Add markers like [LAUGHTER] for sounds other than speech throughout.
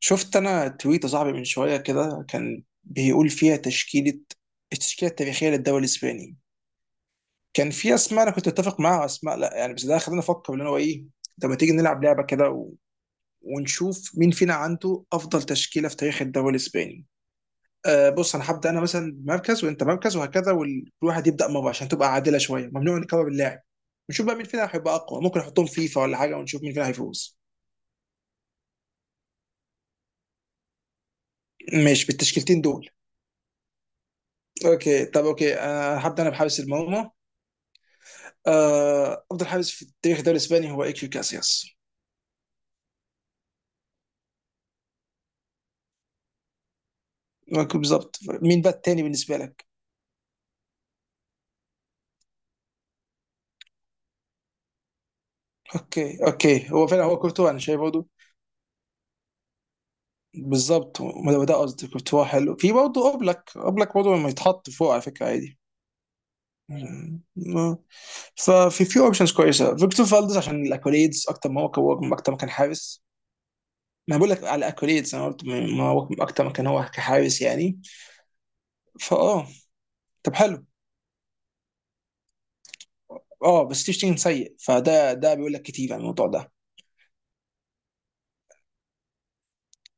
شفت انا تويت يا صاحبي من شويه كده كان بيقول فيها التشكيله التاريخيه للدوري الاسباني. كان في اسماء انا كنت متفق معاها واسماء لا، يعني بس ده خلاني افكر اللي هو ايه. طب ما تيجي نلعب لعبه كده ونشوف مين فينا عنده افضل تشكيله في تاريخ الدوري الاسباني. بص انا هبدا انا مثلا مركز وانت مركز وهكذا، وكل واحد يبدا مره عشان تبقى عادله شويه، ممنوع نكرر اللاعب. نشوف بقى مين فينا هيبقى اقوى، ممكن احطهم فيفا ولا حاجه ونشوف مين فينا هيفوز. ماشي بالتشكيلتين دول. اوكي طب اوكي، هبدا انا بحارس المرمى. آه، افضل حارس في تاريخ الدوري الاسباني هو ايكيو كاسياس. ممكن بالظبط مين بقى التاني بالنسبه لك؟ اوكي اوكي، هو فعلا هو كورتوا انا شايف برضه. بالظبط ما ده قصدي، كورتوا حلو، في برضه اوبلاك، برضه لما يتحط فوق على فكره عادي. م- ففي اوبشنز كويسه، فيكتور فالدز عشان الاكوليدز اكتر ما هو اكتر ما كان حارس. ما بقول لك على الاكوليدز، انا قلت ما هو اكتر ما كان هو كحارس يعني. فاه طب حلو. اه بس تشتين سيء، فده ده بيقول لك كتير عن الموضوع ده.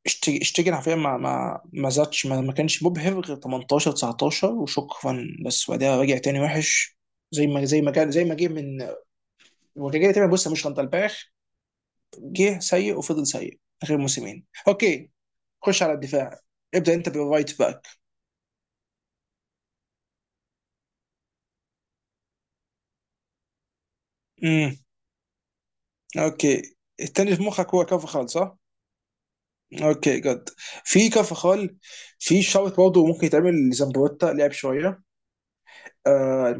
اشتيجن حرفيا ما زادش ما كانش مبهر غير 18 19 وشكرا، بس بعدها رجع تاني وحش زي ما كان، زي ما جه من، هو كان جاي تقريبا. بص مش غلطة الباخ، جه سيء وفضل سيء اخر موسمين. اوكي، خش على الدفاع. ابدا انت بالرايت باك. امم اوكي. التاني في مخك هو كارفخال صح؟ اوكي جد، في كارفخال، في شوط برضه ممكن يتعمل لزامبروتا لعب شويه. آه.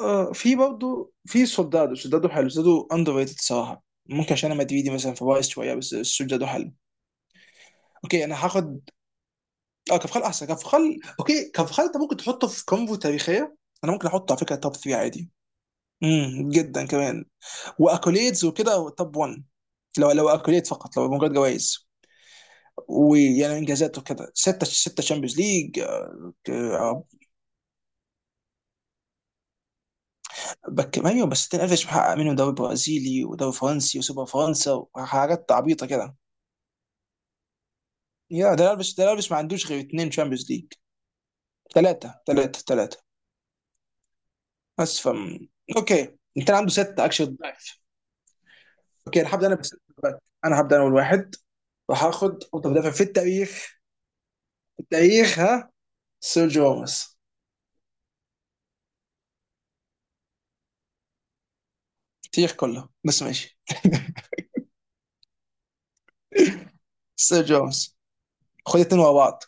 آه في برضه في سولدادو، سولدادو حلو، سولدادو اندر ريتد الصراحه، ممكن عشان انا مدريدي مثلا فبايظ شويه، بس سولدادو حلو. اوكي انا هاخد. اه كفخال احسن، كفخال اوكي. كفخال انت ممكن تحطه في كومبو تاريخيه، انا ممكن احطه على فكره توب 3 عادي. جدا كمان. واكوليدز وكده توب 1، لو لو اكوليد فقط لو مجرد جوائز، ويعني انجازاته كده ستة ستة شامبيونز ليج. بك ايوه، بس تنقفش محقق منهم دوري برازيلي ودوري فرنسي وسوبر فرنسا وحاجات عبيطه كده. يا ده لابس، ده لابس ما عندوش غير اتنين شامبيونز ليج. ثلاثة ثلاثة ثلاثة بس اوكي، انت عندك ستة اكشن ضعف. اوكي انا هبدأ انا بس، انا هبدأ انا اول واحد، وهاخد افضل مدافع في التاريخ. في التاريخ، ها، سيرجيو راموس. التاريخ كله بس ماشي. [LAUGHS] سيرجيو راموس، خد اتنين ورا بعض.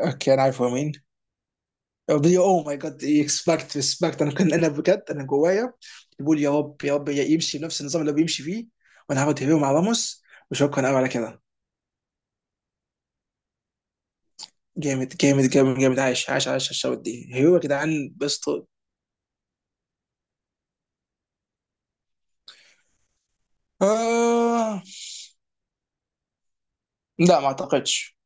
اوكي انا عارف هو مين. اوه ماي جاد، اكسبكت ريسبكت، انا كان انا بجد انا جوايا بقول يا رب يا رب يمشي بنفس النظام اللي هو بيمشي فيه، وانا هاخد هيرو مع راموس، وشكرا قوي على كده. جامد جامد جامد جامد، عايش عايش عايش الشوط دي، هيرو يا جدعان بس طول. آه. لا ما اعتقدش.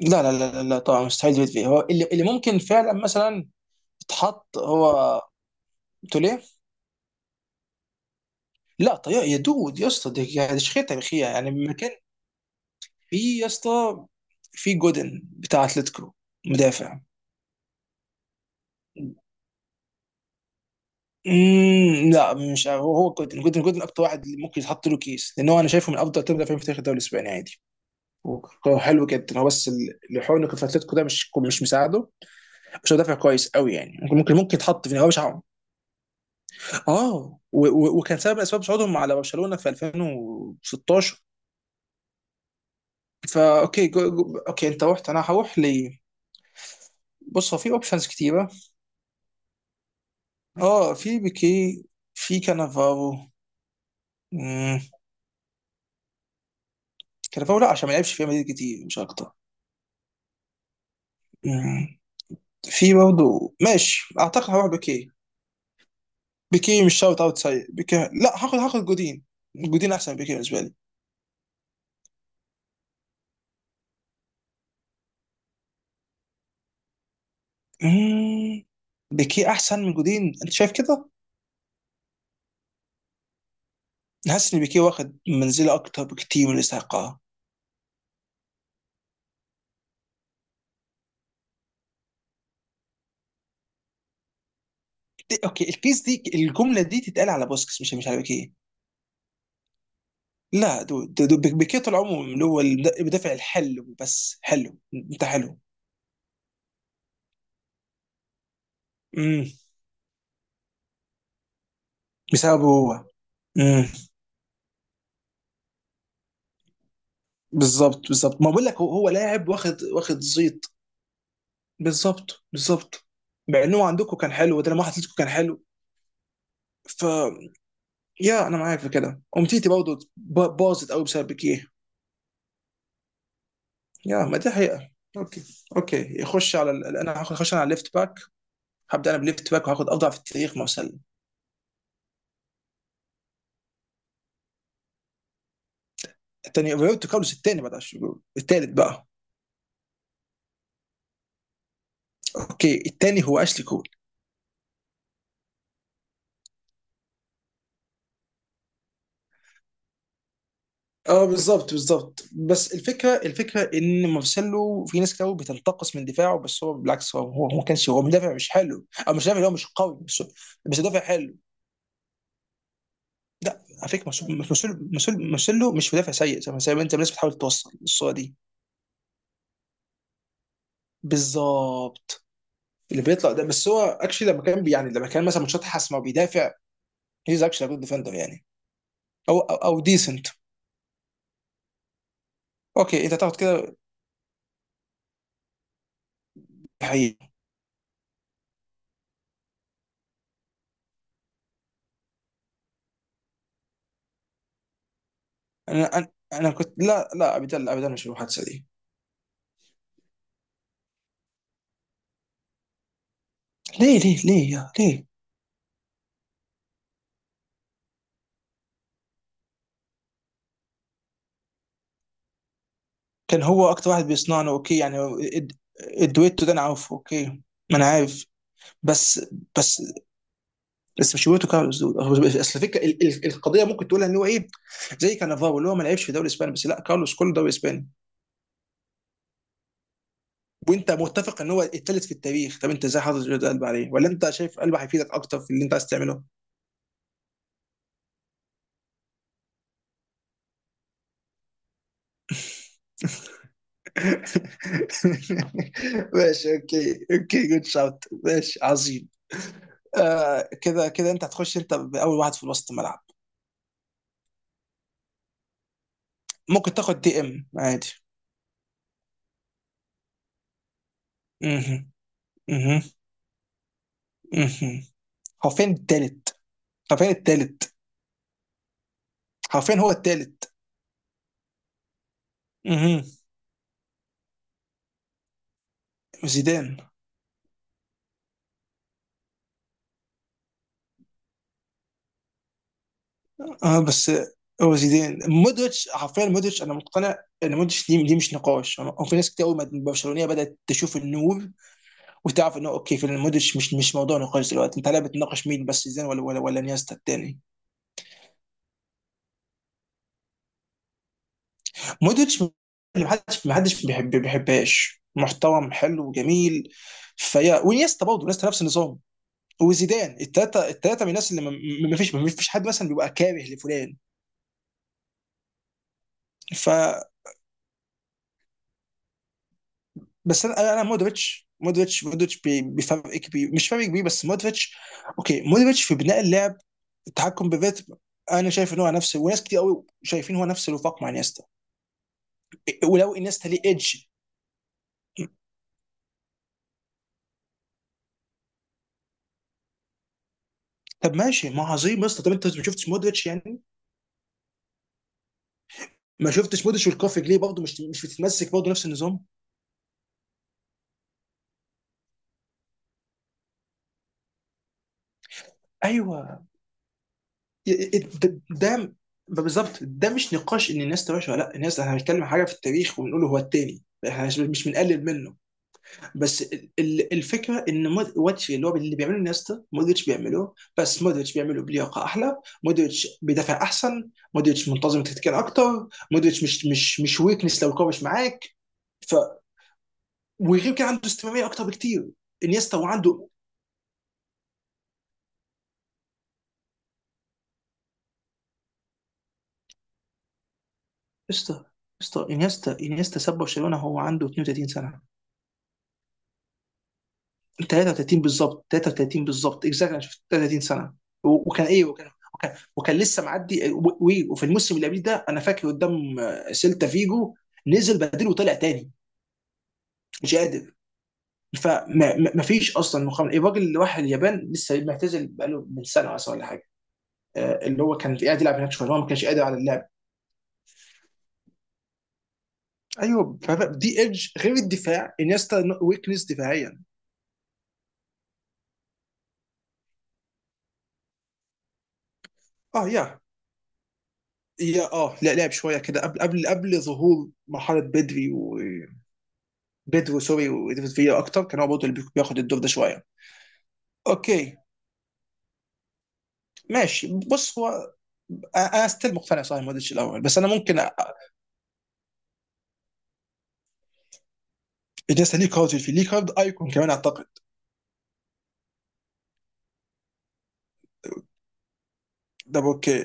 لا طبعا، مستحيل ديفيد فيا هو اللي ممكن فعلا مثلا اتحط هو. توليه؟ لا طيب يا دود يا اسطى، دي يعني دي شخيره تاريخيه يعني ما كان. في يا اسطى، في جودن بتاع اتلتيكو، مدافع. مم، لا مش هو، هو جودن اكتر واحد ممكن يتحط له كيس، لان هو انا شايفه من افضل ثلاث مدافعين في تاريخ الدوري الاسباني عادي. حلو جدا هو، بس الحوار انه كان في اتلتيكو ده مش مساعده، مش مدافع كويس قوي يعني، ممكن ممكن يتحط في، هو مش عارف. اه وكان سبب من اسباب صعودهم على برشلونه في 2016. فا اوكي، جو جو اوكي، انت رحت، انا هروح ل، بص هو في اوبشنز كتيره. اه في بيكي، في كانافارو. مم، كانافارو لا عشان ما لعبش في ريال مدريد كتير، مش اكتر. مم، في برضه ماشي، اعتقد هروح بيكي. بيكي مش شوت اوت سيء، بيكي لا، هاخد جودين. جودين احسن بكتير بالنسبه لي. مم. بيكيه احسن من جودين انت شايف كده؟ حاسس ان بيكيه واخد منزله اكتر بكتير من الاستحقاق. اوكي البيس، دي الجمله دي تتقال على بوسكس، مش على بيكيه. لا دول دول بيكيه طول عمره اللي هو المدافع الحلو، بس حلو انت حلو. امم بسببه هو. امم بالظبط بالظبط، ما بقول لك، هو هو لاعب واخد واخد زيط. بالظبط بالظبط، مع انه عندكم كان حلو، وده لما حطيتكم كان حلو. ف يا انا معاك في كده، امتيتي برضه باظت قوي بسبب بيكيه. يا ما دي حقيقة. اوكي. اوكي يخش على انا هاخد، هخش انا على الليفت باك. هبدا انا بليفت باك، وهاخد اضعف التاريخ ما وصل. الثاني روبرتو كارلوس، الثاني بعد 10 شهور الثالث بقى. اوكي الثاني هو اشلي كول. اه بالظبط بالظبط، بس الفكره الفكره ان مارسيلو في ناس كتير بتنتقص من دفاعه، بس هو بالعكس، هو هو هو ما كانش هو مدافع مش حلو او مش مدافع اللي هو مش قوي، بس بس مدافع حلو. لا على فكره مارسيلو، مارسيلو مش مدافع سيء زي ما زي ما انت، الناس بتحاول توصل الصوره دي. بالظبط، اللي بيطلع ده بس هو اكشلي، لما كان يعني لما كان مثلا ماتشات حاسمه وبيدافع، هيز اكشلي جود ديفندر يعني. او أو ديسنت. اوكي انت تاخد كده، حقيقي. انا انا انا كنت لا لا، ابدا ابدا، مش المحادثه دي. ليه ليه ليه يا ليه؟ كان هو اكتر واحد بيصنعنا اوكي يعني. الد- الدويتو ده انا عارفه اوكي، ما انا عارف. بس بس بس مش هويتو كارلوس دول. اصل الفكره القضيه ممكن تقولها ان هو ايه، زي كانافارو اللي هو ما لعبش في الدوري الاسباني، بس لا كارلوس كله دوري اسباني، وانت متفق ان هو الثالث في التاريخ. طب انت ازاي حاطط جرد قلب عليه ولا انت شايف قلب هيفيدك اكتر في اللي انت عايز تعمله؟ [LAUGHS] ماشي اوكي اوكي، جود شوت ماشي عظيم. آه كده كده انت هتخش انت باول واحد في وسط الملعب. ممكن تاخد دي ام عادي. اها. اها اها، حرفيا التالت، حرفيا التالت، حرفيا هو التالت. اها. زيدان. اه بس هو زيدان، مودريتش حرفيا. مودريتش انا مقتنع ان مودريتش دي مش نقاش. وفي ناس كتير قوي من برشلونيه بدات تشوف النور وتعرف انه اوكي في مودريتش، مش موضوع نقاش دلوقتي. انت لا بتناقش مين بس زيدان ولا نيستا التاني. مودريتش اللي محدش بيحب بيحبهاش، محترم حلو وجميل فيا، ونيستا برضه نيستا نفس النظام، وزيدان. التلاته التلاته من الناس اللي ما فيش ما فيش حد مثلا بيبقى كاره لفلان. ف بس انا مودريتش مودريتش بفرق كبير، مش فرق كبير بس مودريتش. اوكي مودريتش في بناء اللعب، التحكم بالريتم. انا شايف ان هو نفس، وناس كتير قوي شايفين هو نفس الوفاق مع انيستا، ولو انيستا ليه ايدج. طب ماشي ما عظيم، بس طب انت ما شفتش مودريتش يعني؟ ما شفتش مودريتش والكوفيج ليه برضه مش بتتمسك برضه نفس النظام. ايوه. ي- ي- ده ده- بالظبط، ده مش نقاش ان انيستا وحش ولا لا، انيستا احنا هنتكلم عن حاجه في التاريخ وبنقول هو التاني. احنا مش بنقلل منه، بس الفكره ان واتش اللي هو اللي بيعمله نيستا مودريتش بيعمله، بس مودريتش بيعمله بلياقه احلى. مودريتش بيدافع احسن، مودريتش منتظم تكتيكيا اكتر، مودريتش مش ويكنس لو الكوره مش معاك. ف وغير كده عنده استمراريه اكتر بكتير. انيستا وعنده. استا استا انيستا، ساب برشلونه هو عنده 32 سنه، 33 بالظبط، 33 بالظبط اكزاكتلي، انا شفت 33 سنه. وكان ايه، وكان لسه معدي، وفي الموسم اللي قبليه ده انا فاكر قدام، آه، سيلتا فيجو نزل بديل وطلع تاني، مش قادر. فما فيش اصلا مقابله، الراجل اللي راح اليابان لسه معتزل بقاله من سنه مثلا ولا حاجه، آه، اللي هو كان قاعد يلعب هناك شويه، هو ما كانش قادر على اللعب. ايوه دي ايدج غير الدفاع، انيستا ويكنس دفاعيا. اه يا يا اه لا لعب شويه كده قبل قبل قبل ظهور مرحله بدري، و بيدرو سوري وديفيد فيا اكتر كان هو برضه اللي بياخد الدور ده شويه. اوكي ماشي بص هو، انا ستيل مقتنع صحيح مودريتش الاول، بس انا ممكن بالنسبه لي كارد في ليه كارد ايكون كمان اعتقد، ده اوكي.